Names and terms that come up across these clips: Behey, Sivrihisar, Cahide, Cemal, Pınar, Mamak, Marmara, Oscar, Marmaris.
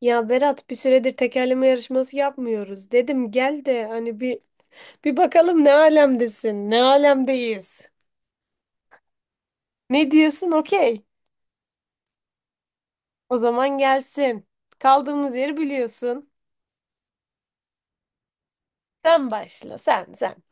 Ya Berat, bir süredir tekerleme yarışması yapmıyoruz. Dedim gel de hani bir bakalım ne alemdesin, ne alemdeyiz. Ne diyorsun? Okey. O zaman gelsin. Kaldığımız yeri biliyorsun. Sen başla, sen.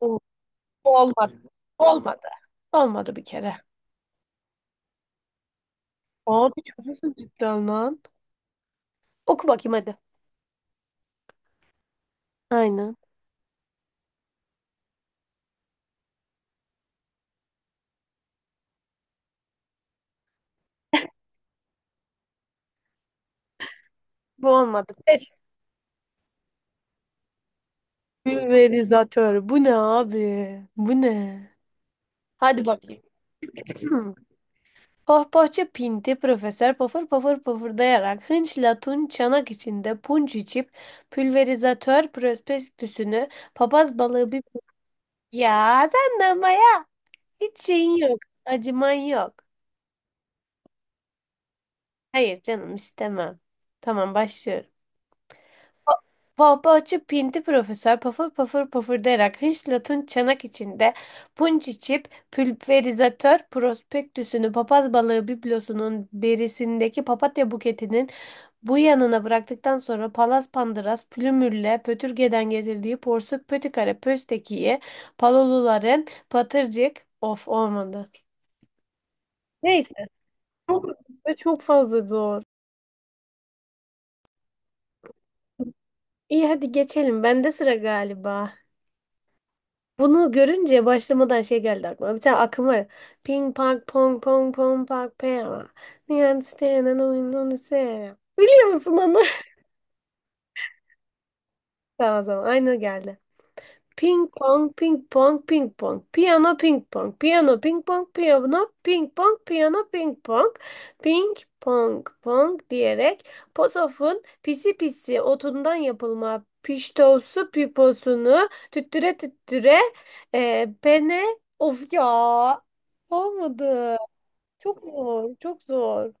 Oo, olmadı. Olmadı. Olmadı bir kere. Abi çok hızlı cidden lan. Oku bakayım hadi. Aynen. Bu olmadı. Pes. Pulverizatör. Bu ne abi? Bu ne? Hadi bakayım. Pohpohçu pinti profesör pofur pofur pofurdayarak hınçla tun çanak içinde punç içip pülverizatör prospektüsünü papaz balığı bir... Ya sen de ama ya, hiç şeyin yok, acıman yok. Hayır canım, istemem. Tamam, başlıyorum. Pohpohçu pinti profesör pafır pafır pafırdayarak hırsla tun çanak içinde punç içip pülverizatör prospektüsünü papaz balığı biblosunun berisindeki papatya buketinin bu yanına bıraktıktan sonra palas pandıras plümürle pötürgeden getirdiği porsuk pötikare pöstekiyi paloluların patırcık of olmadı. Neyse. Çok, çok fazla zor. İyi, hadi geçelim. Bende sıra galiba. Bunu görünce başlamadan şey geldi aklıma. Bir tane akım var. Ping pong pong pong pong pong pong. Niye understand and I don't understand. Biliyor musun onu? Tamam, tamam. Aynı o geldi. Ping pong, ping pong, ping pong. Piyano, ping pong, piyano, ping pong, piyano, ping pong, piyano, ping pong. Ping pong, pong diyerek posofun pisi pisi otundan yapılma piştosu piposunu tüttüre tüttüre pene. Of ya. Olmadı. Çok zor, çok zor.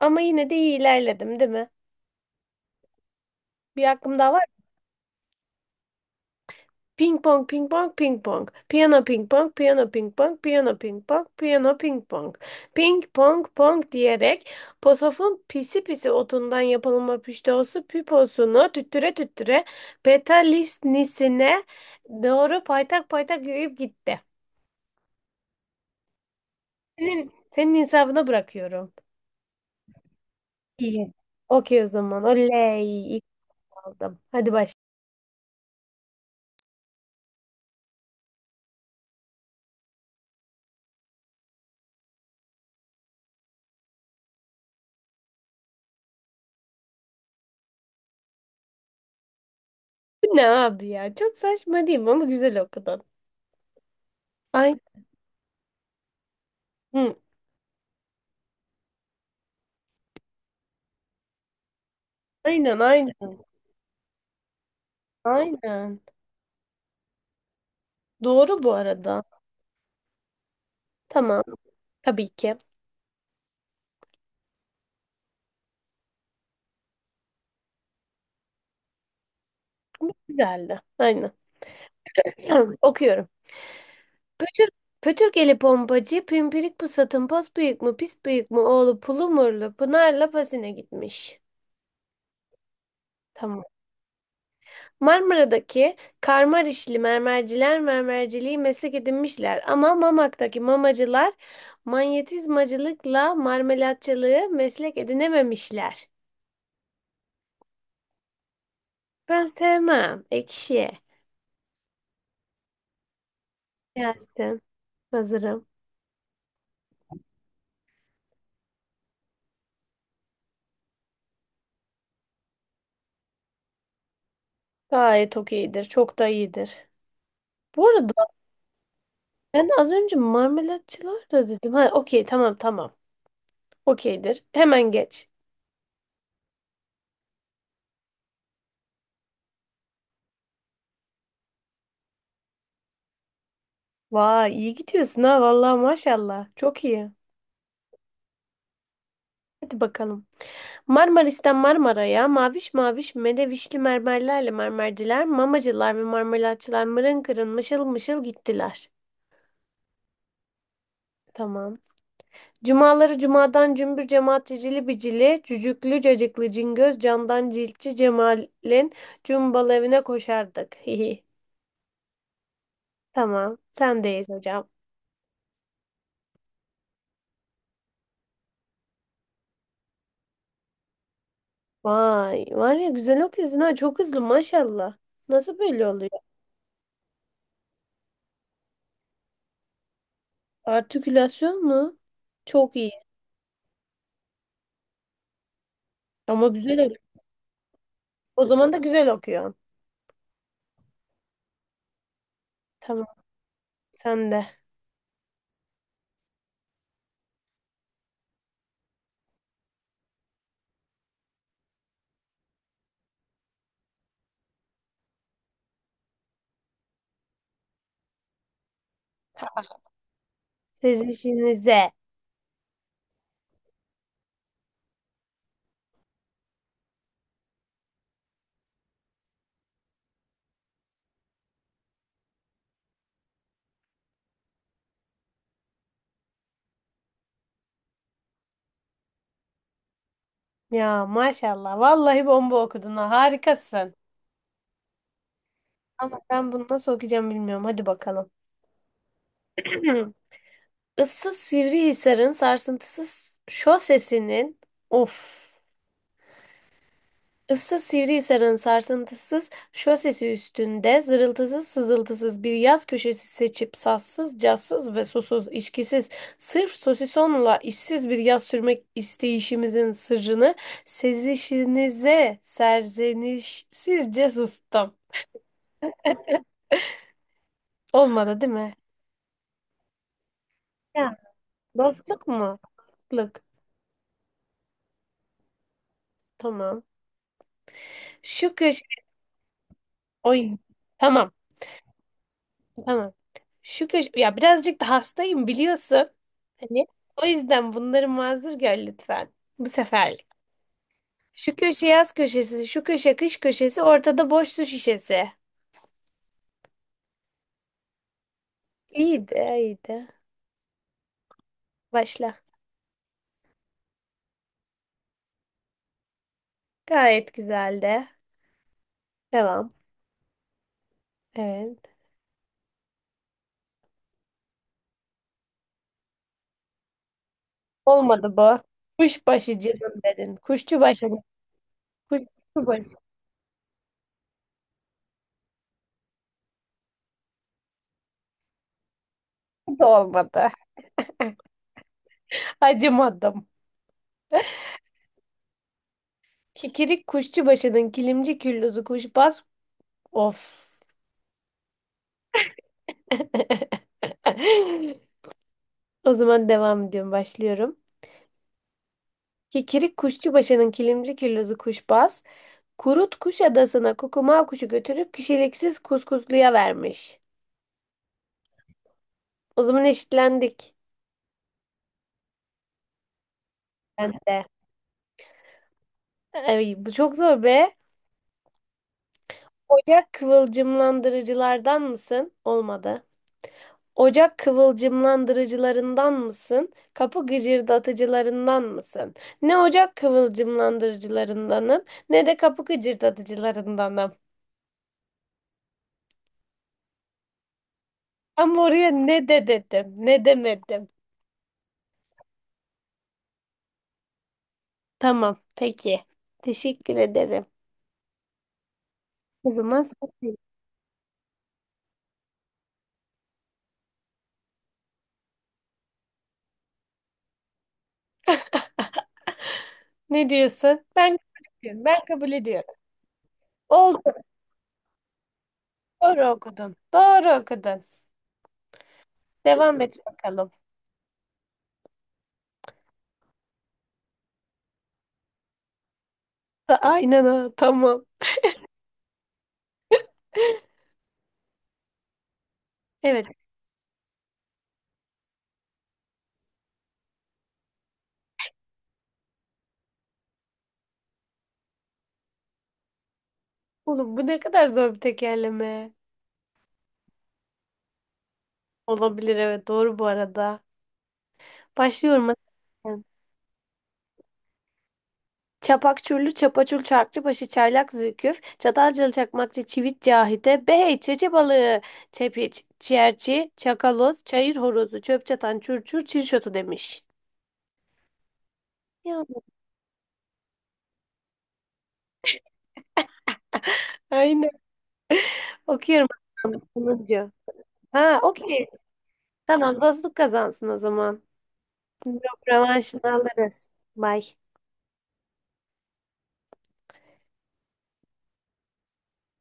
Ama yine de iyi ilerledim, değil mi? Bir hakkım daha var. Ping pong, ping pong, ping pong. Piyano, ping pong, piyano, ping pong, piyano, ping pong, piyano, ping pong. Ping pong, pong diyerek posofun pisi pisi otundan yapılma püşteosu piposunu tüttüre tüttüre petalisnisine doğru paytak paytak yürüyüp gitti. Senin insafına bırakıyorum. İyi. Okey o zaman. Oley. İlk aldım. Hadi başla. Bu ne abi ya? Çok saçma değil mi? Ama güzel okudun. Aynen. Aynen, aynen. Aynen. Doğru bu arada. Tamam. Tabii ki. Güzeldi. Aynen. Okuyorum. Pötür, pötürgeli pompacı, pimpirik pusatın pos büyük mü, pis büyük mü, oğlu pulu murlu, Pınar'la pasine gitmiş. Tamam. Marmara'daki karmarişli mermerciler mermerciliği meslek edinmişler. Ama Mamak'taki mamacılar manyetizmacılıkla marmelatçılığı meslek edinememişler. Ben sevmem. Ekşi. Gelsin. Hazırım. Gayet okeyidir. Çok da iyidir. Bu arada ben az önce marmelatçılar da dedim. Ha okey, tamam. Okeydir. Hemen geç. Vay, iyi gidiyorsun ha, vallahi maşallah. Çok iyi. Hadi bakalım. Marmaris'ten Marmara'ya maviş maviş merevişli mermerlerle mermerciler, mamacılar ve marmelatçılar mırın kırın mışıl mışıl gittiler. Tamam. Cumaları cumadan cümbür cemaat cicili bicili, cücüklü cacıklı cingöz candan ciltçi Cemal'in cumbalı evine koşardık. Hihi. Tamam. Sendeyiz hocam. Vay var ya, güzel okuyorsun ha, çok hızlı maşallah. Nasıl böyle oluyor? Artikülasyon mu? Çok iyi. Ama güzel okuyor. O zaman da güzel okuyor. Tamam, sen de. Siz işinize. Ya maşallah. Vallahi bomba okudun ha. Harikasın. Ama ben bunu nasıl okuyacağım bilmiyorum. Hadi bakalım. Issız Sivrihisar'ın sarsıntısız şosesinin of Issız Sivrihisar'ın sarsıntısız şosesi üstünde zırıltısız sızıltısız bir yaz köşesi seçip sassız, cazsız ve susuz, içkisiz, sırf sosisonla işsiz bir yaz sürmek isteyişimizin sırrını sezişinize serzenişsizce sustum. Olmadı değil mi? Ya. Dostluk mu? Dostluk. Tamam. Şu köşe... Oy. Tamam. Tamam. Şu köş, ya birazcık da hastayım biliyorsun. Hani o yüzden bunları mazur gör lütfen. Bu seferlik. Şu köşe yaz köşesi, şu köşe kış köşesi, ortada boş su şişesi. İyiydi, iyiydi. Başla. Gayet güzeldi. Devam. Evet. Olmadı bu. Kuşbaşı canım dedin. Kuşçu başı. Kuşçu başı da olmadı. Acımadım. Kikirik kuşçu başının kilimci küllüzü kuşbaz. Of. O zaman devam ediyorum, başlıyorum. Kikirik kuşçubaşının kilimci kirlozu kuşbaz, kurut kuş adasına kukumav kuşu götürüp kişiliksiz kuskusluya vermiş. O zaman eşitlendik. Ben de. Ay, bu çok zor be. Ocak kıvılcımlandırıcılardan mısın? Olmadı. Ocak kıvılcımlandırıcılarından mısın? Kapı gıcırdatıcılarından mısın? Ne ocak kıvılcımlandırıcılarındanım, ne de kapı gıcırdatıcılarındanım. Ama oraya ne de dedim, ne demedim. Tamam, peki. Teşekkür ederim. O zaman sen- ne diyorsun? Ben kabul ediyorum. Ben kabul ediyorum. Oldu. Doğru okudun. Doğru okudun. Devam et bakalım. Da- aynen ha. Tamam. Evet. Oğlum bu ne kadar zor bir tekerleme. Olabilir, evet. Doğru bu arada. Başlıyorum. Çapakçurlu, Çapaçul, Çarkçıbaşı, Çaylak, Zülküf, Çatalcalı, Çakmakçı, Çivit, Cahide, behey, çeçe balığı, çepiç, çerçi, çakaloz, çayır horozu, çöp çatan, çurçur, çirşotu demiş. Ya, aynen. Okuyorum bulunca. Ha, okey. Tamam, dostluk kazansın o zaman. Yok, revanşını alırız. Bye.